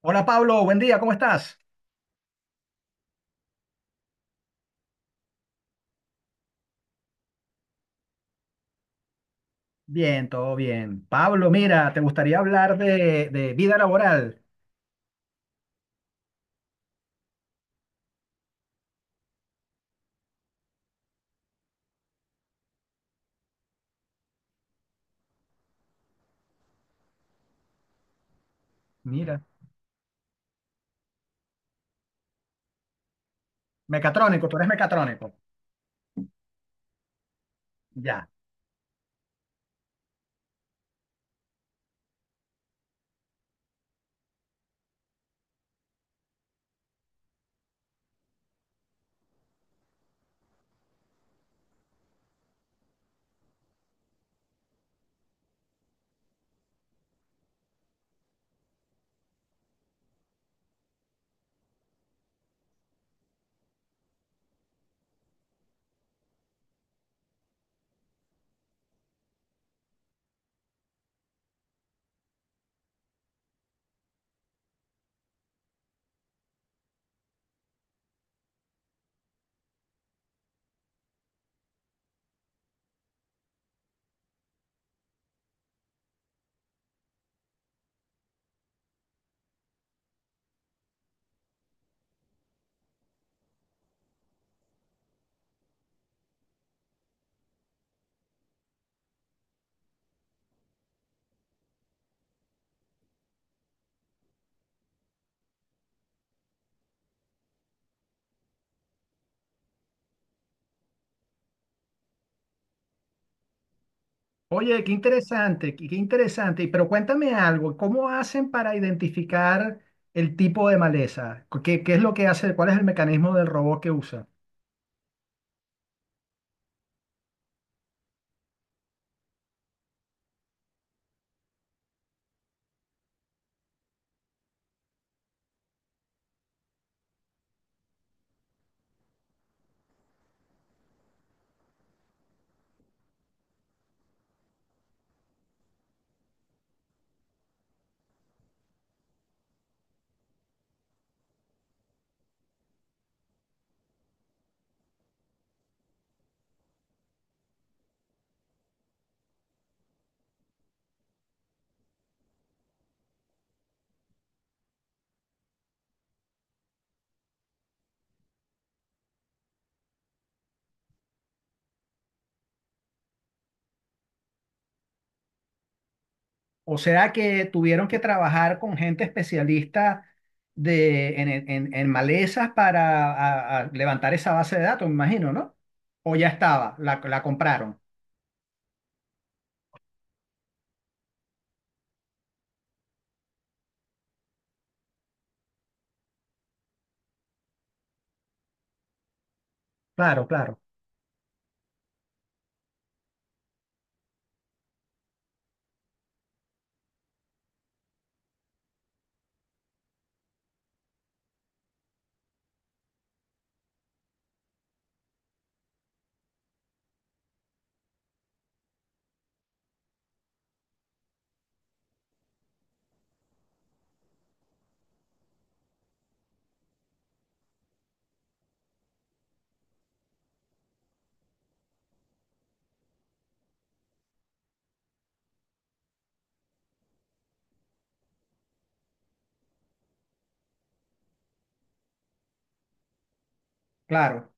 Hola, Pablo, buen día, ¿cómo estás? Bien, todo bien. Pablo, mira, te gustaría hablar de vida laboral. Mira, mecatrónico, tú eres mecatrónico. Ya. Oye, qué interesante, qué interesante. Pero cuéntame algo, ¿cómo hacen para identificar el tipo de maleza? ¿Qué es lo que hace? ¿Cuál es el mecanismo del robot que usa? O sea que tuvieron que trabajar con gente especialista en malezas para a levantar esa base de datos, me imagino, ¿no? O ya estaba, la compraron. Claro, claro, claro,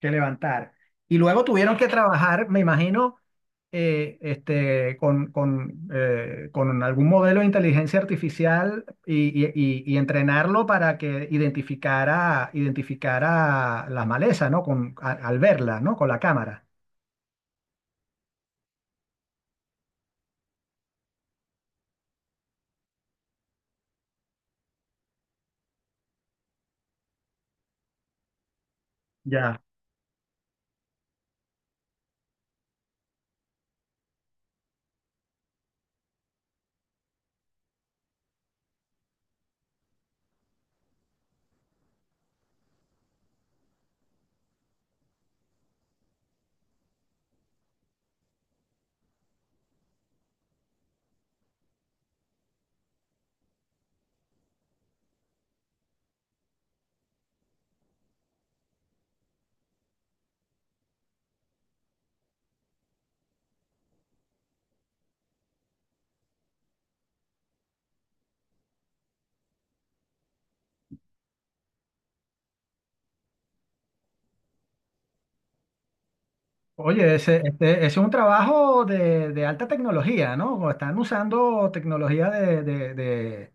que levantar. Y luego tuvieron que trabajar, me imagino, con algún modelo de inteligencia artificial y, y entrenarlo para que identificara, identificara las malezas, ¿no? Con, al verla, ¿no? Con la cámara. Ya. Oye, ese, este, ese es un trabajo de- de alta tecnología, ¿no? O están usando tecnología de, de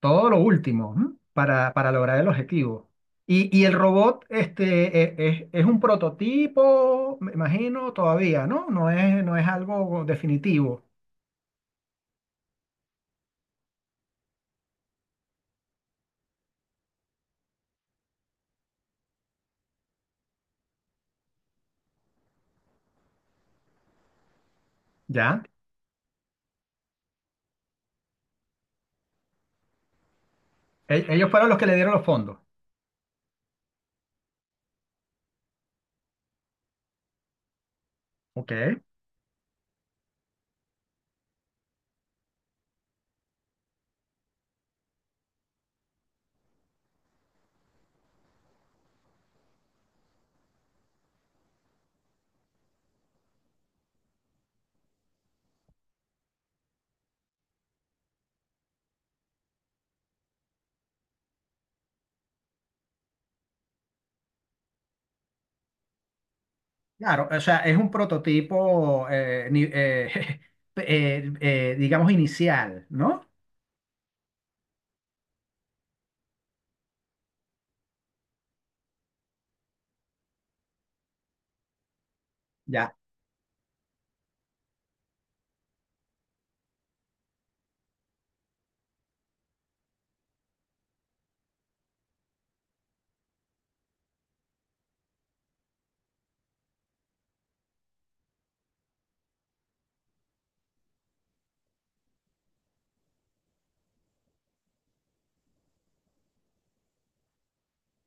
todo lo último, ¿m? Para lograr el objetivo. Y el robot este, es un prototipo, me imagino, todavía, ¿no? No es, no es algo definitivo. Ya. Ellos fueron los que le dieron los fondos. Ok. Claro, o sea, es un prototipo, digamos, inicial, ¿no? Ya.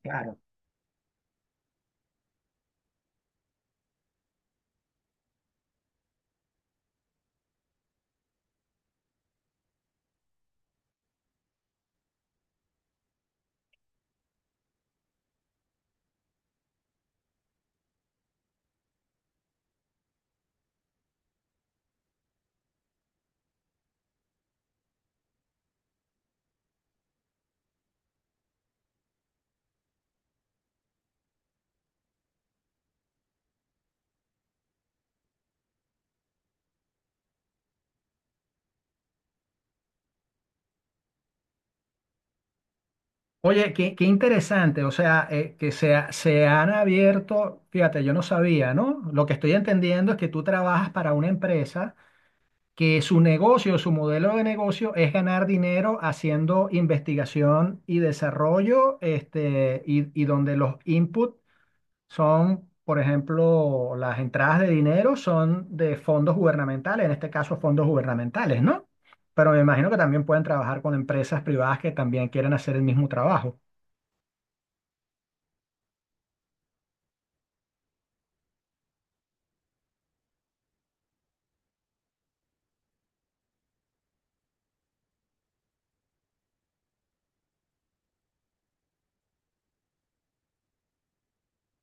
Claro. Oye, qué, qué interesante, o sea, que se, se han abierto, fíjate, yo no sabía, ¿no? Lo que estoy entendiendo es que tú trabajas para una empresa que su negocio, su modelo de negocio es ganar dinero haciendo investigación y desarrollo, este, y donde los inputs son, por ejemplo, las entradas de dinero son de fondos gubernamentales, en este caso fondos gubernamentales, ¿no? Pero me imagino que también pueden trabajar con empresas privadas que también quieren hacer el mismo trabajo.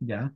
Ya.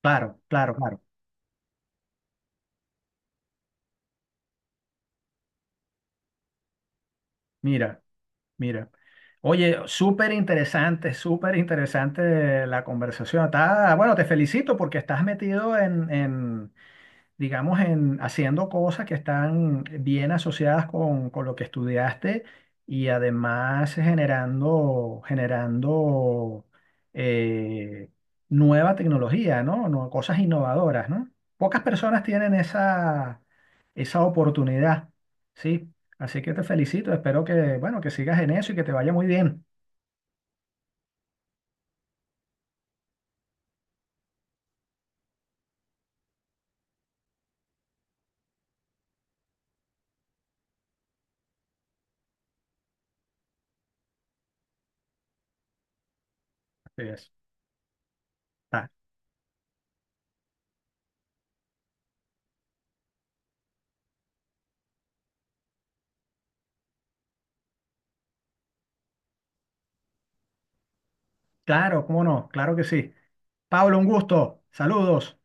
Claro, claro, claro. Mira, mira. Oye, súper interesante la conversación. Está- bueno, te felicito porque estás metido en, digamos, en haciendo cosas que están bien asociadas con lo que estudiaste y además generando, generando eh, nueva tecnología, ¿no? No, cosas innovadoras, ¿no? Pocas personas tienen esa, esa oportunidad, ¿sí? Así que te felicito, espero que, bueno, que sigas en eso y que te vaya muy bien. Así es. Ah, claro, cómo no, claro que sí. Pablo, un gusto, saludos.